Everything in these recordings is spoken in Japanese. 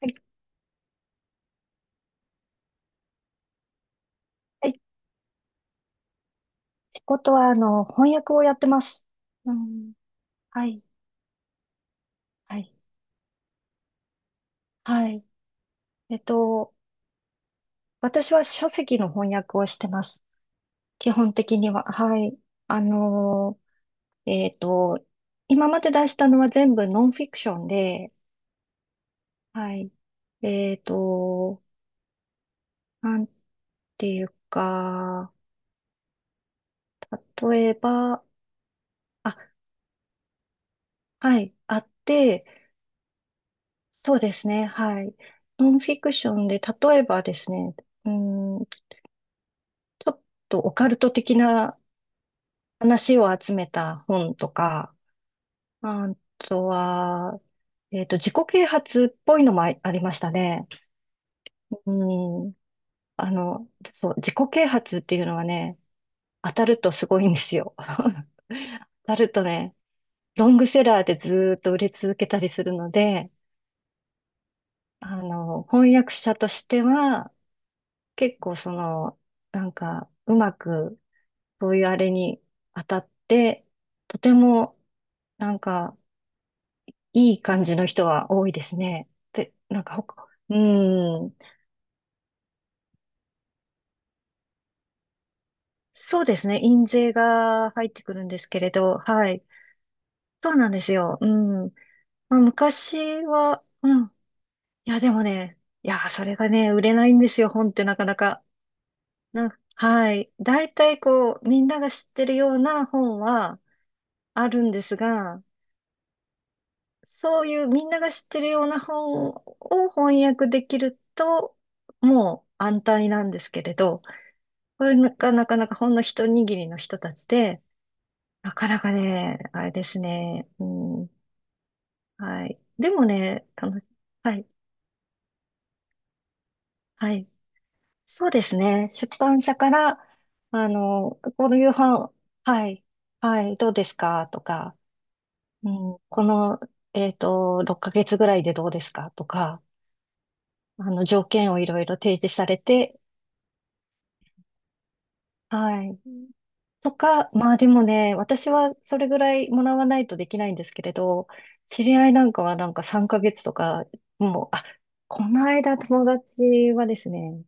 はい、はい。仕事は、翻訳をやってます。うん、はい、はい、はい。えっと、私は書籍の翻訳をしてます。基本的には。はい。あのー、えっと、今まで出したのは全部ノンフィクションで、はい。えっと、なんていうか、例えば、あ、はい、あって、そうですね、はい。ノンフィクションで、例えばですね、うん、ちょっとオカルト的な話を集めた本とか、あとは、自己啓発っぽいのもあありましたね。うん。あの、そう、自己啓発っていうのはね、当たるとすごいんですよ。当たるとね、ロングセラーでずーっと売れ続けたりするので、翻訳者としては、結構その、うまく、そういうあれに当たって、とてもなんか、いい感じの人は多いですね。で、なんかほか、うーん。そうですね。印税が入ってくるんですけれど、はい。そうなんですよ。うん。まあ、昔は、うん。いや、でもね、いや、それがね、売れないんですよ、本ってなかなか。なん、はい。大体こう、みんなが知ってるような本はあるんですが、そういうみんなが知ってるような本を翻訳できると、もう安泰なんですけれど、これがなかなかほんの一握りの人たちで、なかなかね、あれですね。うん、はい。でもね、楽し、はい、はい。そうですね。出版社から、この夕飯、はい、はい、どうですかとか、うん、この、6ヶ月ぐらいでどうですかとか、条件をいろいろ提示されて、はい。とか、まあでもね、私はそれぐらいもらわないとできないんですけれど、知り合いなんかはなんか3ヶ月とか、もう、あ、この間友達はですね、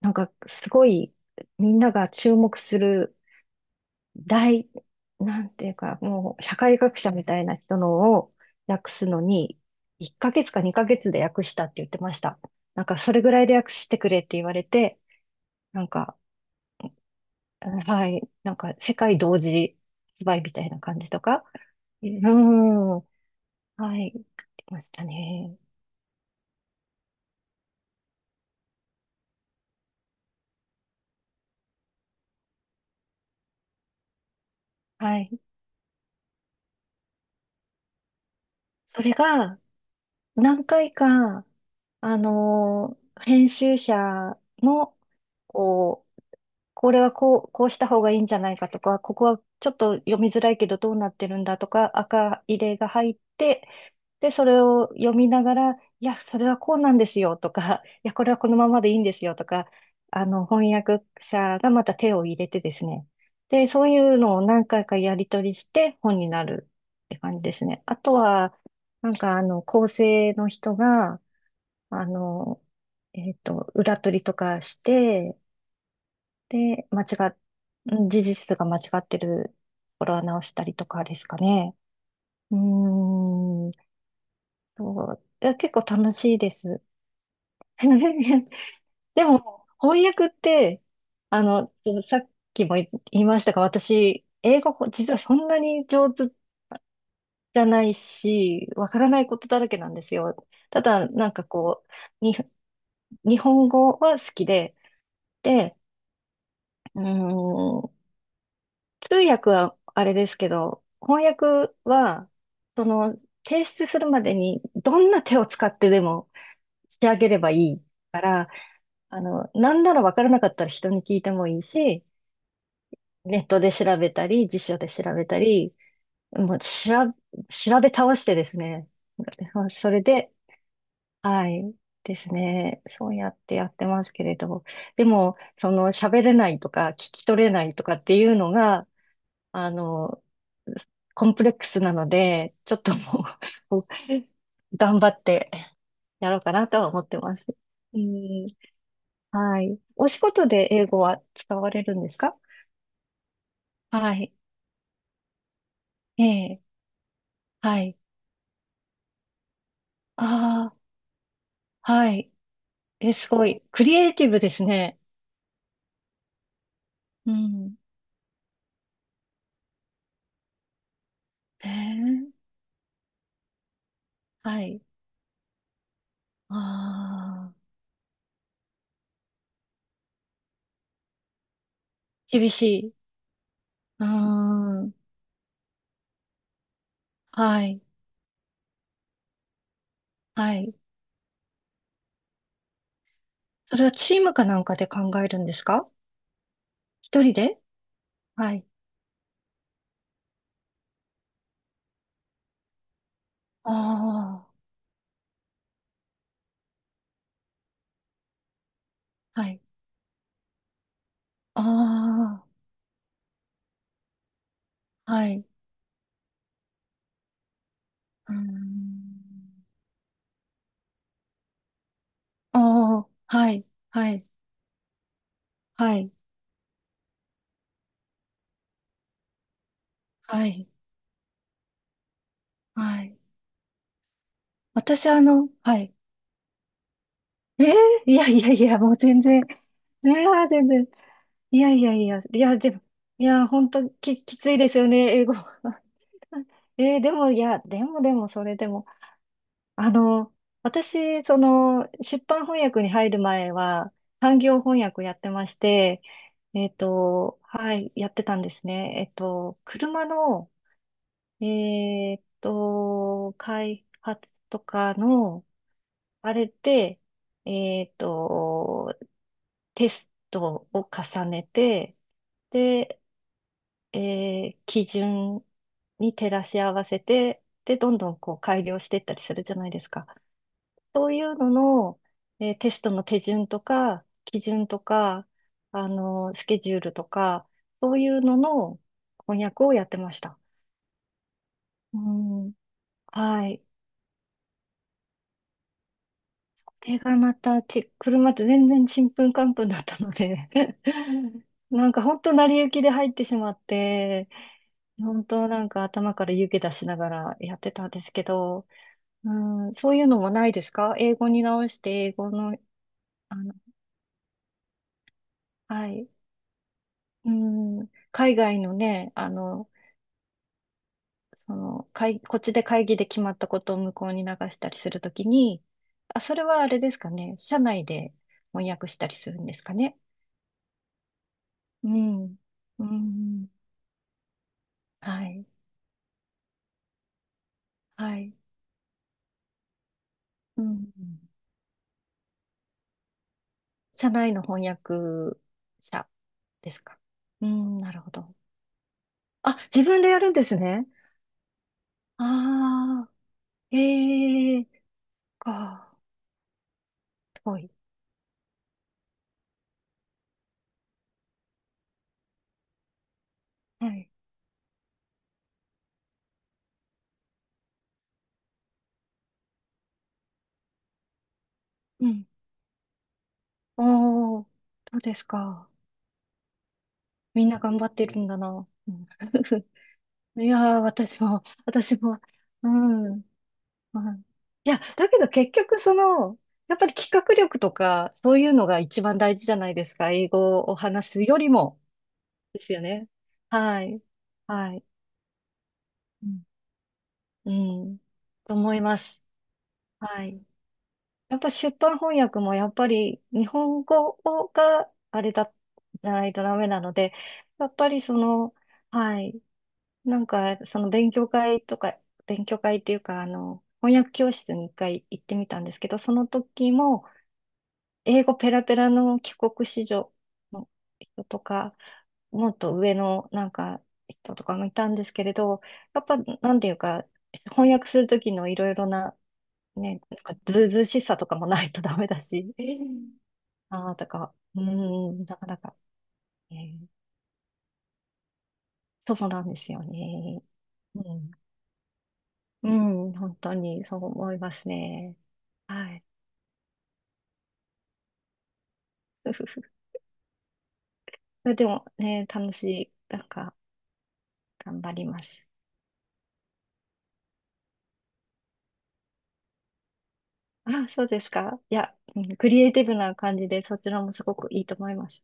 なんかすごいみんなが注目する大、なんていうか、もう社会学者みたいな人のを訳すのに、1ヶ月か2ヶ月で訳したって言ってました。なんかそれぐらいで訳してくれって言われて、なんか、はい。なんか、世界同時発売みたいな感じとか。うん。はい。出ましたね。はい。それが、何回か、編集者の、こう、これはこう、こうした方がいいんじゃないかとか、ここはちょっと読みづらいけどどうなってるんだとか、赤入れが入って、で、それを読みながら、いや、それはこうなんですよとか、いや、これはこのままでいいんですよとか、翻訳者がまた手を入れてですね。で、そういうのを何回かやり取りして本になるって感じですね。あとは、なんか構成の人が、あの、裏取りとかして、で、間違っ、うん、事実が間違ってるところは直したりとかですかね。うーん、そう、いや結構楽しいです。でも、翻訳って、あの、さっきも言いましたが、私、英語、実はそんなに上手じゃないし、わからないことだらけなんですよ。ただ、なんかこう、に、日本語は好きで、で、うーん、通訳はあれですけど、翻訳は、その、提出するまでに、どんな手を使ってでも仕上げればいいから、なんならわからなかったら人に聞いてもいいし、ネットで調べたり、辞書で調べたり、もう調べ倒してですね。まあそれで、はい、ですね。そうやってやってますけれど。でも、その喋れないとか、聞き取れないとかっていうのが、あの、コンプレックスなので、ちょっともうこう 頑張ってやろうかなとは思ってます。うん、はい。お仕事で英語は使われるんですか？はい。ええ、はい。ああ、はい。え、すごい。クリエイティブですね。うん。えー、はい。ああ、厳しい。うーん。はい。はい。それはチームかなんかで考えるんですか？一人で？はい。ああ、はい。ああ、はい。うーん。ああ、はい。はい。はい。はい。はい。私、はい。えー、いやいやいや、もう全然。ねえ、全然。いやいやいや、いや、でも、いや、本当き、きついですよね、英語。えーでも、いや、でもでも、それでも、あの、私、その、出版翻訳に入る前は、産業翻訳やってまして、はい、やってたんですね。車の、開発とかの、あれで、えっと、テストを重ねて、で、えー基準に照らし合わせて、で、どんどんこう改良していったりするじゃないですか。そういうのの、えーテストの手順とか、基準とか、あのスケジュールとか、そういうのの翻訳をやってました。うん、はい。これがまた、て、車と全然ちんぷんかんぷんだったので なんか本当成り行きで入ってしまって、本当なんか頭から湯気出しながらやってたんですけど、うん、そういうのもないですか？英語に直して、英語の、あの、はい。うん、海外のね、その、会こっちで会議で決まったことを向こうに流したりするときに、あ、それはあれですかね。社内で翻訳したりするんですかね。うん、うん、はい、はい。うん、社内の翻訳者ですか？うん、なるほど。あ、自分でやるんですね。ああ、ええか。はい。はい。うん。ああ、そうですか。みんな頑張ってるんだな。うん いやー、私も、私も、うん、はい。いや、だけど結局その、やっぱり企画力とか、そういうのが一番大事じゃないですか。英語を話すよりも。ですよね。はい。はい。うん。うんと思います。はい。やっぱ出版翻訳もやっぱり日本語があれだ、じゃないとダメなので、やっぱりその、はい、なんかその勉強会とか、勉強会っていうか、翻訳教室に一回行ってみたんですけど、その時も英語ペラペラの帰国子女の人とか、もっと上のなんか人とかもいたんですけれど、やっぱなんていうか、翻訳する時のいろいろなね、なんかずうずうしさとかもないと ダメだし、ああ、とか、うん、なかなか、えーそうなんですよね。うん、うん、本当にそう思いますね。はい。ふふふでもね、楽しい、なんか、頑張ります。あ、そうですか。いや、うんクリエイティブな感じで、そちらもすごくいいと思います。